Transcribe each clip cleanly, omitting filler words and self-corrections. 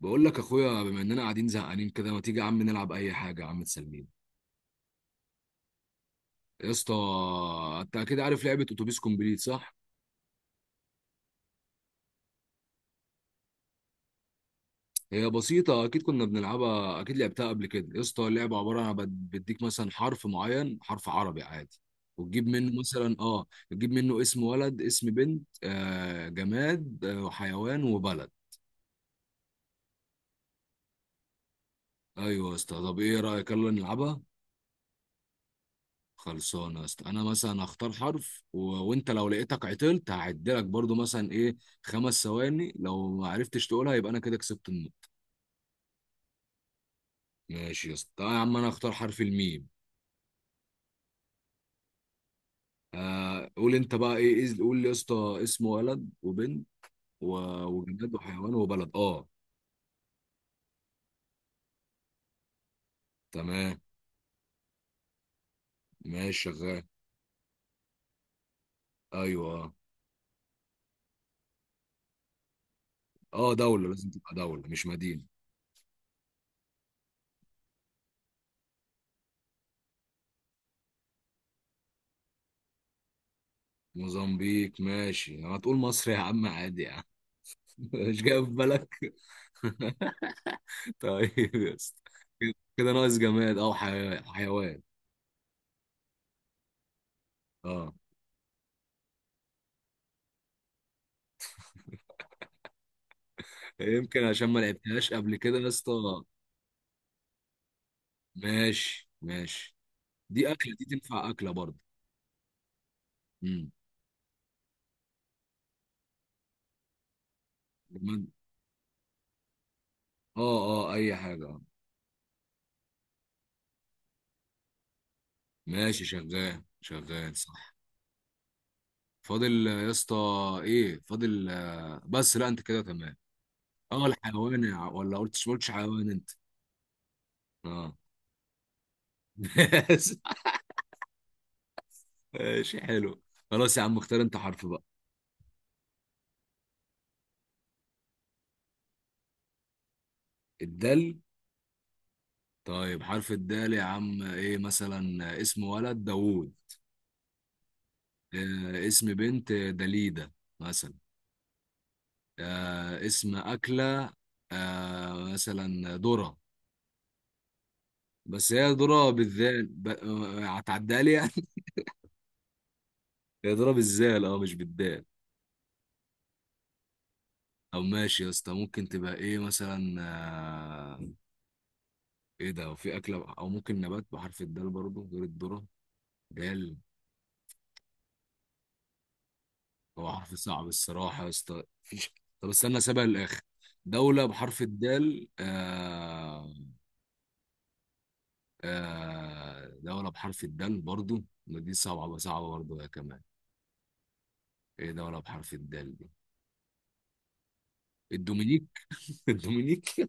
بقول لك اخويا، بما اننا قاعدين زهقانين كده، ما تيجي يا عم نلعب اي حاجه يا عم تسلينا. يا اسطى، انت اكيد عارف لعبه اتوبيس كومبليت صح؟ هي بسيطه، اكيد كنا بنلعبها، اكيد لعبتها قبل كده يا اسطى. اللعبه عباره عن بديك مثلا حرف معين، حرف عربي عادي، وتجيب منه مثلا اه، تجيب منه اسم ولد، اسم بنت آه، جماد آه، وحيوان وبلد. ايوه يا اسطى، طب ايه رايك يلا نلعبها. خلصانه يا اسطى. انا مثلا هختار حرف وانت لو لقيتك عطلت هعدلك برضو مثلا ايه، خمس ثواني، لو ما عرفتش تقولها يبقى انا كده كسبت النقطه. ماشي يا اسطى، تعالى يا عم، انا هختار حرف الميم. آه قول انت بقى ايه، قول لي يا اسطى اسم ولد وبنت و... وجماد وحيوان وبلد اه. تمام، ماشي شغال. ايوه اه. آه، دوله لازم تبقى دوله مش مدينه. موزمبيق ماشي، هتقول مصر يا عم عادي يا عم. مش جاي في بالك. طيب يا اسطى، كده كده ناقص جماد او حيوان، حيوان اه. يمكن عشان ما لعبتهاش قبل كده يا اسطى. ماشي ماشي. دي اكله، دي تنفع اكله برضه. امم جماد. اه اه، اي حاجه آه. ماشي شغال، شغال صح. فاضل آه، يا اسطى ايه فاضل آه، بس لا انت كده تمام. اه الحيوان، يا ولا قلتش، ما قلتش حيوان انت. اه. ماشي حلو. خلاص يا عم، اختار انت حرف بقى. الدال؟ طيب حرف الدال يا عم ايه، مثلا اسم ولد داوود، آه اسم بنت دليدة مثلا، آه اسم أكلة آه مثلا ذرة. بس هي ذرة بالذال آه، هتعديها لي يعني. هي ذرة بالذال اه، مش بالدال. طب ماشي يا اسطى، ممكن تبقى ايه مثلا آه، ايه ده، وفي أكلة او ممكن نبات بحرف الدال برضه غير الذرة؟ دال، هو حرف صعب الصراحة يا اسطى، مفيش. طب استنى سابها للآخر. دولة بحرف الدال آه، آه دولة بحرف الدال برضو، ما دي صعبة، صعبة برضو يا كمان. ايه دولة بحرف الدال دي؟ الدومينيك. الدومينيك.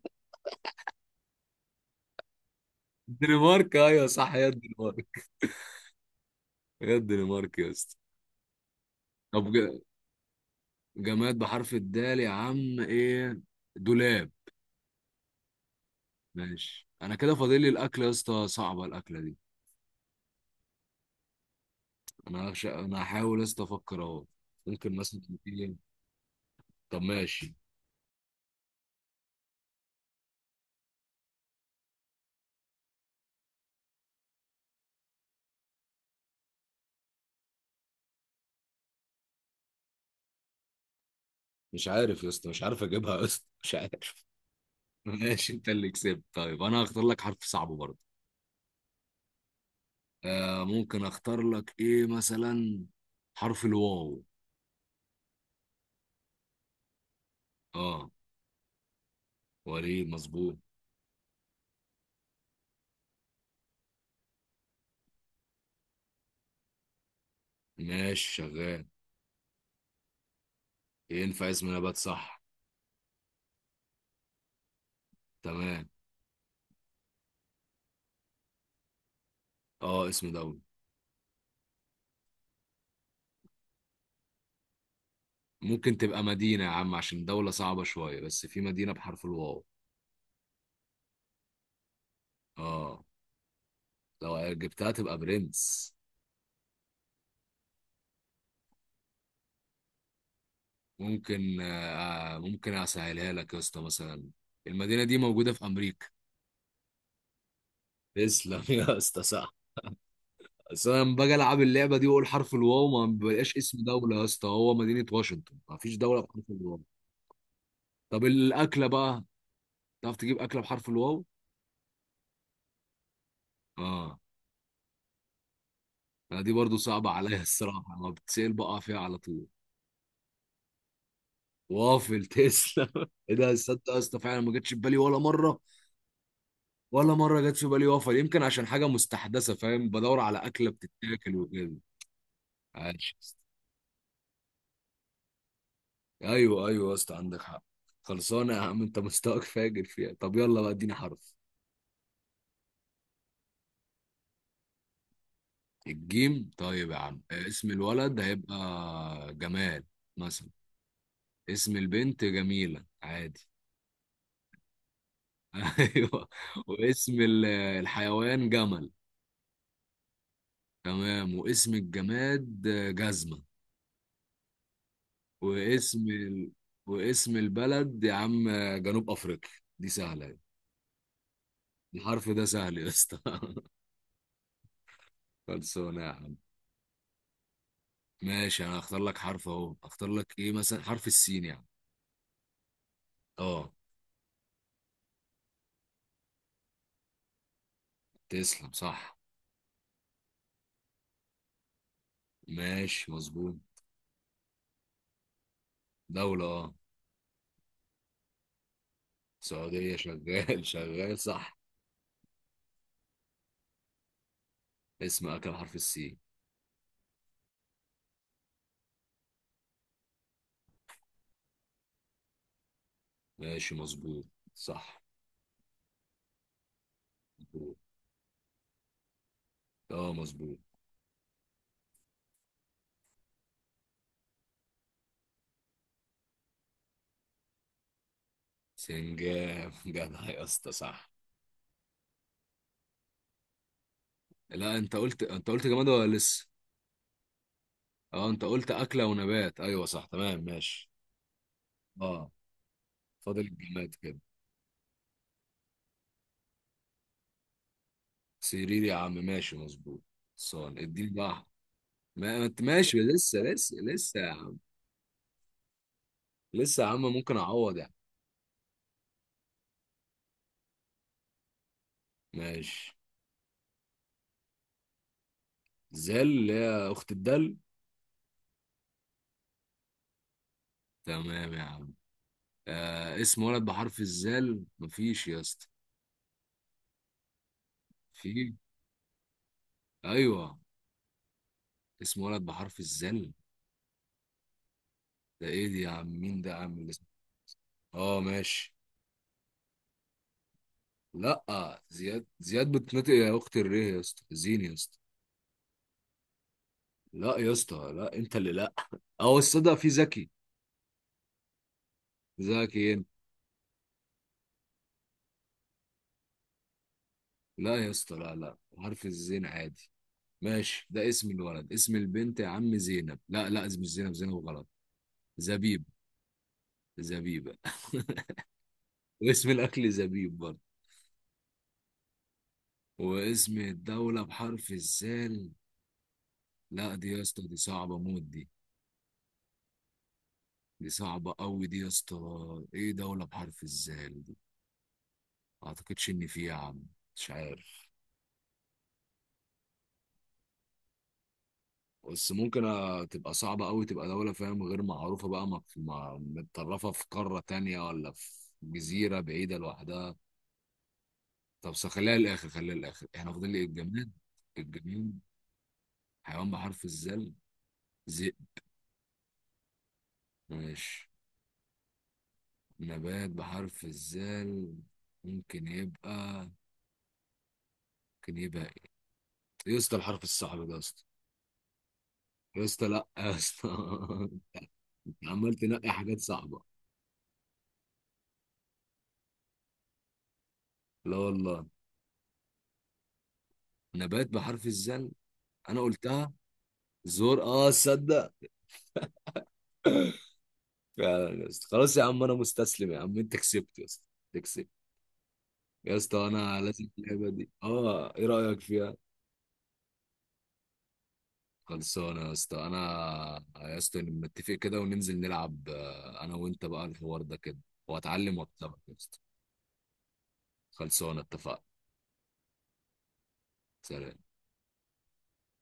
الدنمارك، ايوه صح، هي الدنمارك. هي الدنمارك يا اسطى. طب جماد بحرف الدال يا عم ايه؟ دولاب. ماشي، انا كده فاضل لي الاكل يا اسطى، صعبة الاكلة دي. انا هحاول يا اسطى افكر اهو. ممكن مثلا، إيه؟ طب ماشي. مش عارف يا اسطى، مش عارف اجيبها يا اسطى، مش عارف. ماشي، انت اللي كسبت. طيب انا هختار لك حرف صعب برضه. آه، ممكن اختار لك ايه مثلا؟ حرف الواو. اه، وريد مظبوط. ماشي شغال. ينفع اسم نبات صح. تمام. اه اسم دولة. ممكن تبقى مدينة يا عم، عشان دولة صعبة شوية، بس في مدينة بحرف الواو. اه، لو جبتها تبقى برنس. ممكن آه، ممكن اسهلها لك يا اسطى، مثلا المدينة دي موجودة في امريكا. تسلم يا اسطى صح. بس انا لما باجي العب اللعبه دي واقول حرف الواو ما بيبقاش اسم دوله يا اسطى، هو مدينه واشنطن، ما فيش دوله بحرف الواو. طب الاكله بقى، تعرف تجيب اكله بحرف الواو؟ اه. لا دي برضو صعبه عليا، الصراحه ما بتسال بقى فيها على طول. وافل، تسلم. ايه ده، تصدق يا اسطى فعلا ما جاتش في بالي ولا مره، ولا مره جت في بالي وافل، يمكن عشان حاجه مستحدثه، فاهم، بدور على اكله بتتاكل وكده. عاش. ايوه ايوه يا اسطى، عندك حق. خلصانه يا عم، انت مستواك فاجر فيها. طب يلا بقى اديني حرف. الجيم؟ طيب يا عم اسم الولد هيبقى جمال مثلا. اسم البنت جميلة عادي. ايوه. واسم الحيوان جمل. تمام. واسم الجماد جزمة. واسم واسم البلد يا عم جنوب افريقيا، دي سهلة. الحرف ده سهل يا اسطى. خلصانه يا عم. ماشي، انا هختار لك حرف اهو. اختار لك ايه مثلا؟ حرف السين يعني. اه. تسلم صح. ماشي مظبوط. دولة اه. سعودية شغال. شغال صح. اسم اكل حرف السين. ماشي مظبوط. صح مظبوط. اه مظبوط. سنجاب. جدع يا اسطى صح. لا انت قلت، انت قلت جماد ولا لسه؟ اه انت قلت اكلة ونبات، ايوه صح، تمام ماشي. اه. فاضل الجماد كده. سرير، يا عم ماشي مظبوط. صان اديني بقى. ما انت ماشي لسه لسه لسه يا عم. لسه يا عم، ممكن اعوض يعني. ماشي. زال، اللي هي اخت الدل. تمام يا عم. آه اسم ولد بحرف الزال مفيش يا اسطى. في. ايوه. اسم ولد بحرف الزال، ده ايه دي يا عم، مين ده يا عم اللي اسمه؟ اه ماشي. لا زياد، زياد بتنطق يا اخت الريه يا اسطى، زين يا اسطى. لا يا اسطى، لا انت اللي لا. اه الصدق في زكي. زكي انت. لا يا اسطى، لا لا، حرف الزين عادي. ماشي، ده اسم الولد. اسم البنت يا عم زينب، لا لا، اسم مش زينب، زينب غلط. زبيب. زبيبة. واسم الأكل زبيب برضه. واسم الدولة بحرف الزال، لا دي يا اسطى، دي صعبة موت دي، دي صعبة أوي دي يا اسطى. إيه دولة بحرف الزال دي؟ ما أعتقدش إن في يا عم. مش عارف. بس ممكن آه، تبقى صعبة أوي، تبقى دولة فاهم غير معروفة بقى، متطرفة في قارة تانية ولا في جزيرة بعيدة لوحدها. طب خليها للاخر، خليها للاخر، احنا فاضل لي الجماد. الجماد. حيوان بحرف الزل، ذئب. ماشي. نبات بحرف الزل، ممكن يبقى، ممكن يبقى ايه؟ يا اسطى الحرف الصعب ده يا اسطى. يا اسطى لا يا اسطى. عمال تنقي حاجات صعبة. لا والله. نبات بحرف الزل. انا قلتها. زور، اه تصدق. فعلا يا اسطى، خلاص يا عم، انا مستسلم يا عم، انت كسبت يا اسطى. أنت كسبت. يا اسطى انا لازم اللعبة دي، اه ايه رأيك فيها؟ خلصانة يا اسطى. انا يا اسطى نتفق كده، وننزل نلعب آه، انا وانت بقى الحوار ده كده، واتعلم واكسبك يا اسطى. خلصانة اتفقنا. سلام.